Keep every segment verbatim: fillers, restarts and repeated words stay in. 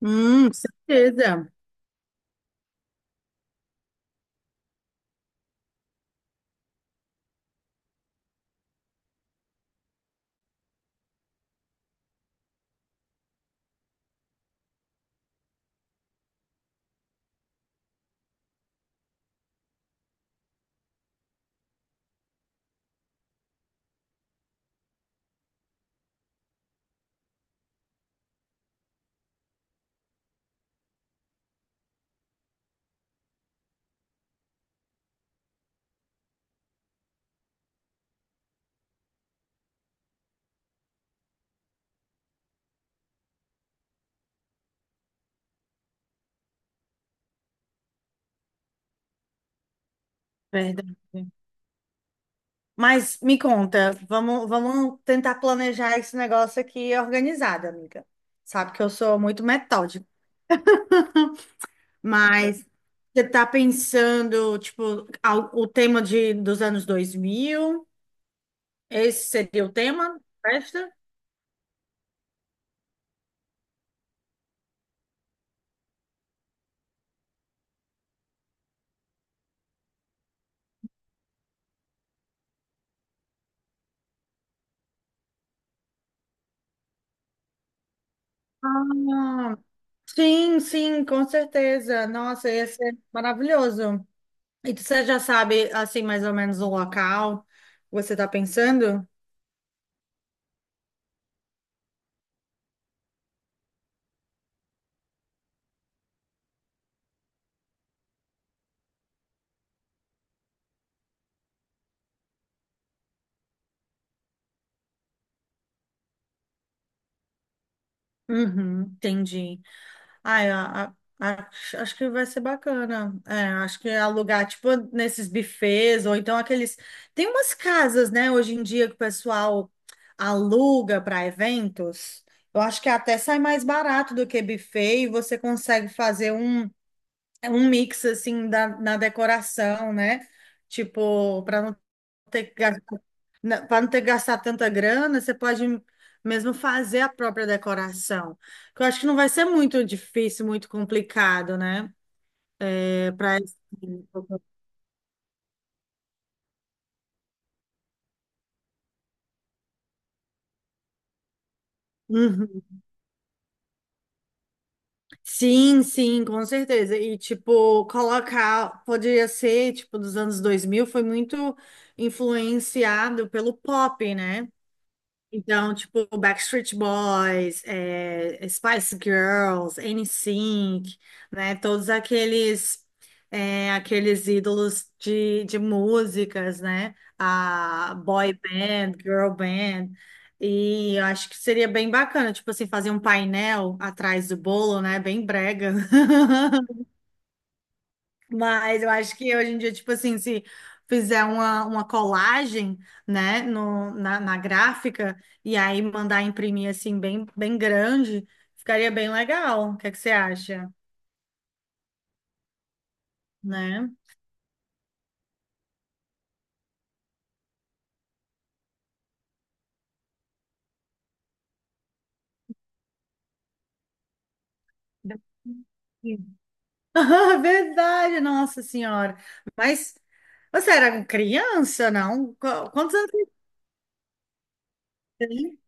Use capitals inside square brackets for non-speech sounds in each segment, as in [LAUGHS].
Hum, certeza. Verdade. Mas me conta, vamos, vamos tentar planejar esse negócio aqui organizado, amiga. Sabe que eu sou muito metódica, mas você tá pensando, tipo, ao- o tema de, dos anos dois mil. Esse seria o tema da festa? Ah, sim, sim, com certeza. Nossa, ia ser maravilhoso. E você já sabe, assim, mais ou menos o local que você está pensando? Uhum, entendi. Ai, a, a- a- Acho que vai ser bacana. É, acho que alugar, tipo, nesses bufês, ou então aqueles. Tem umas casas, né, hoje em dia que o pessoal aluga para eventos. Eu acho que até sai mais barato do que buffet e você consegue fazer um, um mix, assim, da, na decoração, né? Tipo, para não ter que gastar para não ter que gastar tanta grana, você pode mesmo fazer a própria decoração. Que eu acho que não vai ser muito difícil, muito complicado, né? É para. Uhum. Sim, sim, com certeza. E, tipo, colocar, poderia ser, tipo, dos anos dois mil foi muito influenciado pelo pop, né? Então, tipo, Backstreet Boys, eh, Spice Girls, NSYNC, né? Todos aqueles eh, aqueles ídolos de, de músicas, né? A boy band, girl band. E eu acho que seria bem bacana, tipo assim, fazer um painel atrás do bolo, né? Bem brega. [LAUGHS] Mas eu acho que hoje em dia, tipo assim, se fizer uma, uma colagem, né, no, na, na gráfica, e aí mandar imprimir assim, bem, bem grande, ficaria bem legal. O que é que você acha, né? Sim. [LAUGHS] Verdade, nossa senhora. Mas você era criança, não? Qu- Quantos anos você tem?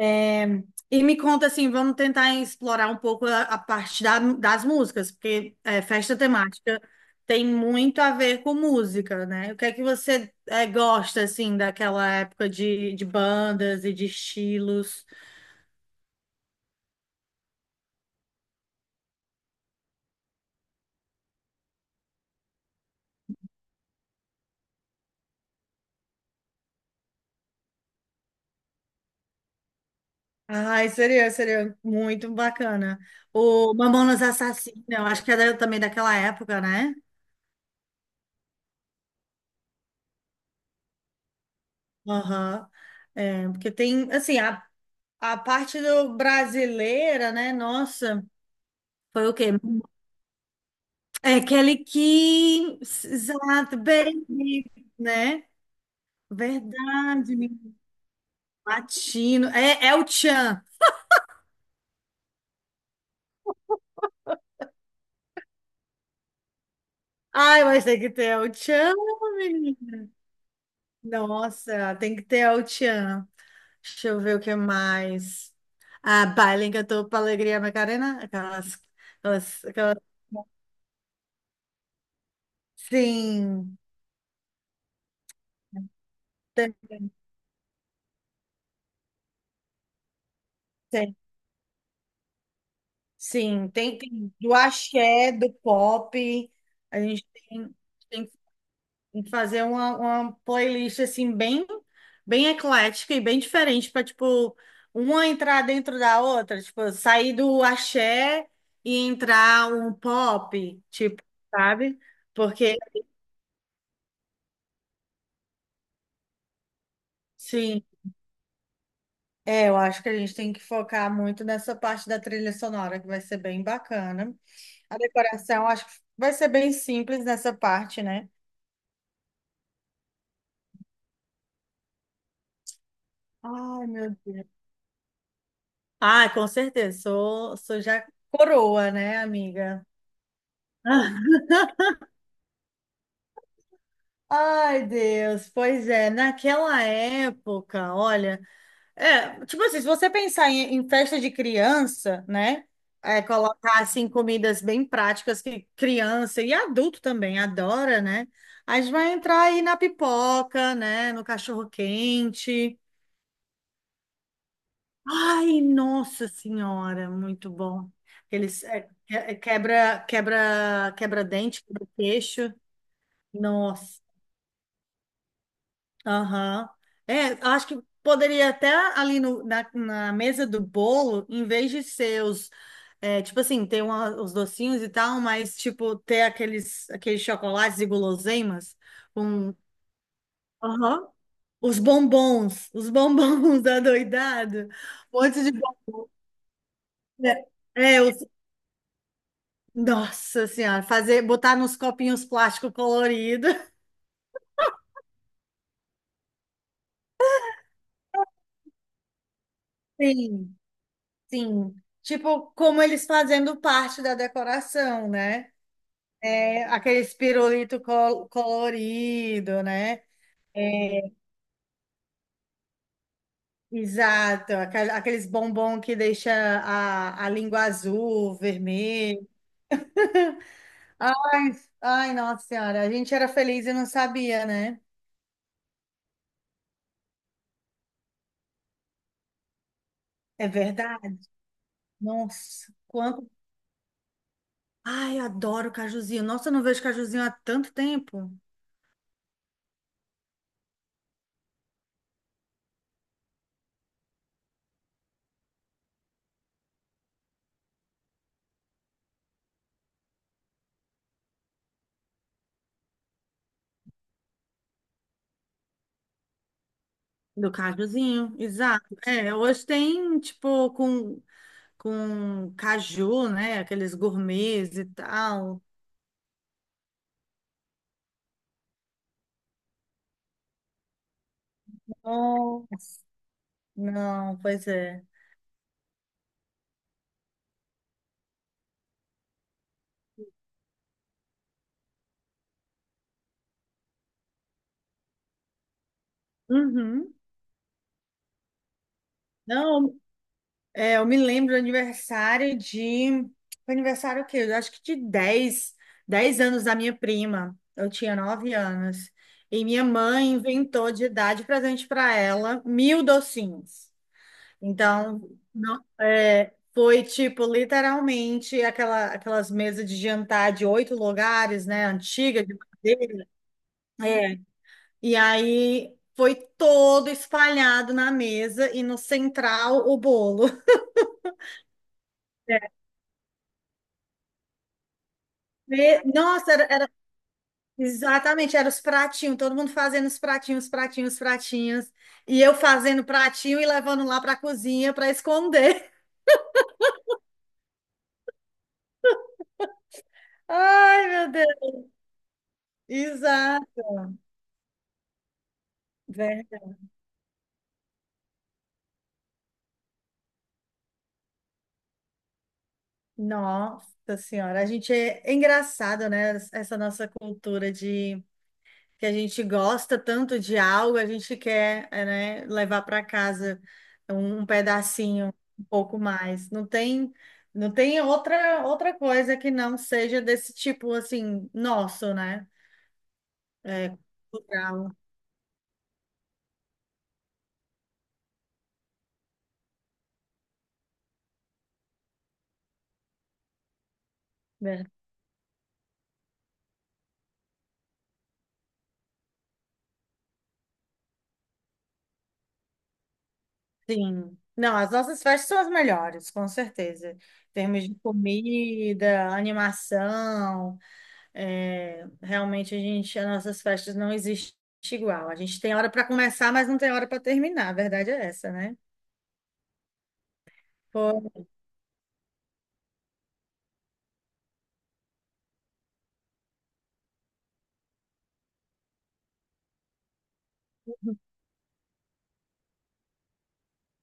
É, e me conta assim, vamos tentar explorar um pouco a, a parte da- das músicas, porque é, festa temática tem muito a ver com música, né? O que é que você é, gosta assim daquela época de, de bandas e de estilos? Ai, seria, seria muito bacana. O Mamonas Assassina, eu acho que é da- também daquela época, né? Aham. É, porque tem, assim, a, a parte do brasileira, né? Nossa, foi o quê? É aquele que, exato, bem, né? Verdade, menino. Latino. É, é o Tchan. Ai, mas tem que ter El Tchan, menino. Nossa, tem que ter El Tchan. Deixa eu ver o que mais. Ah, Baile Cantou pra Alegria Macarena. Aquelas, aquelas, aquelas. Sim, tem, tem. Sim, tem, tem do axé, do pop. A gente tem. tem em fazer uma, uma playlist assim bem bem eclética e bem diferente para tipo uma entrar dentro da outra, tipo sair do axé e entrar um pop, tipo, sabe? Porque sim, é, eu acho que a gente tem que focar muito nessa parte da trilha sonora que vai ser bem bacana. A decoração acho que vai ser bem simples nessa parte, né? Ai, meu Deus. Ah, com certeza. Sou, sou já coroa, né, amiga? [LAUGHS] Ai, Deus, pois é, naquela época, olha, é, tipo assim, se você pensar em, em festa de criança, né, é, colocar, assim, comidas bem práticas que criança e adulto também adora, né, a gente vai entrar aí na pipoca, né, no cachorro-quente, ai, nossa senhora, muito bom, eles é, que- é, quebra, quebra, quebra dente, quebra queixo, nossa. Aham. É, acho que poderia até ali no, na, na mesa do bolo, em vez de ser os, é, tipo assim, ter uma- os docinhos e tal, mas tipo, ter aqueles, aqueles chocolates e guloseimas com. Aham. Os bombons, os bombons [LAUGHS] da doidado, um monte de bombom. É, os, nossa senhora, fazer, botar nos copinhos plástico colorido. Sim, sim. Tipo, como eles fazendo parte da decoração, né? É, aquele pirulito col- colorido, né? É, exato, aqua- aqueles bombom que deixa a, a língua azul, vermelho. Ai, ai, nossa senhora, a gente era feliz e não sabia, né? É verdade. Nossa, quanto. Ai, eu adoro cajuzinho. Nossa, eu não vejo cajuzinho há tanto tempo. Do cajuzinho, exato. É, hoje tem, tipo, com, com caju, né? Aqueles gourmets e tal. Nossa. Não, pois é. Uhum. Não, é, eu me lembro do aniversário de. Foi aniversário o quê? Eu acho que de dez, dez anos da minha prima. Eu tinha nove anos. E minha mãe inventou de dar de presente para ela mil docinhos. Então, não- é, foi tipo, literalmente, aquela, aquelas mesas de jantar de oito lugares, né? Antiga, de madeira. É, e aí foi todo espalhado na mesa e no central o bolo. E, nossa, era, era- exatamente, era os pratinhos, todo mundo fazendo os pratinhos, pratinhos, pratinhos. E eu fazendo pratinho e levando lá para a cozinha para esconder. [LAUGHS] Ai, meu Deus. Exato. Verdade. Nossa Senhora, a gente é, é engraçado, né? Essa nossa cultura de que a gente gosta tanto de algo, a gente quer, é, né, levar para casa um, um pedacinho, um pouco mais. Não tem, não tem outra outra coisa que não seja desse tipo assim, nosso, né? É, cultural, né? Sim. Não, as nossas festas são as melhores, com certeza. Em termos de comida, animação, É, realmente a gente, as nossas festas não existem igual. A gente tem hora para começar, mas não tem hora para terminar. A verdade é essa, né? Pô,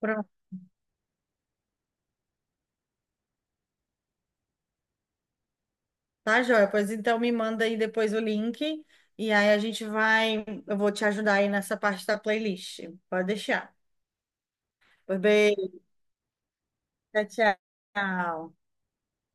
pronto, tá, joia. Pois então me manda aí depois o link e aí a gente vai, eu vou te ajudar aí nessa parte da playlist. Pode deixar. Pois bem, tchau, tchau.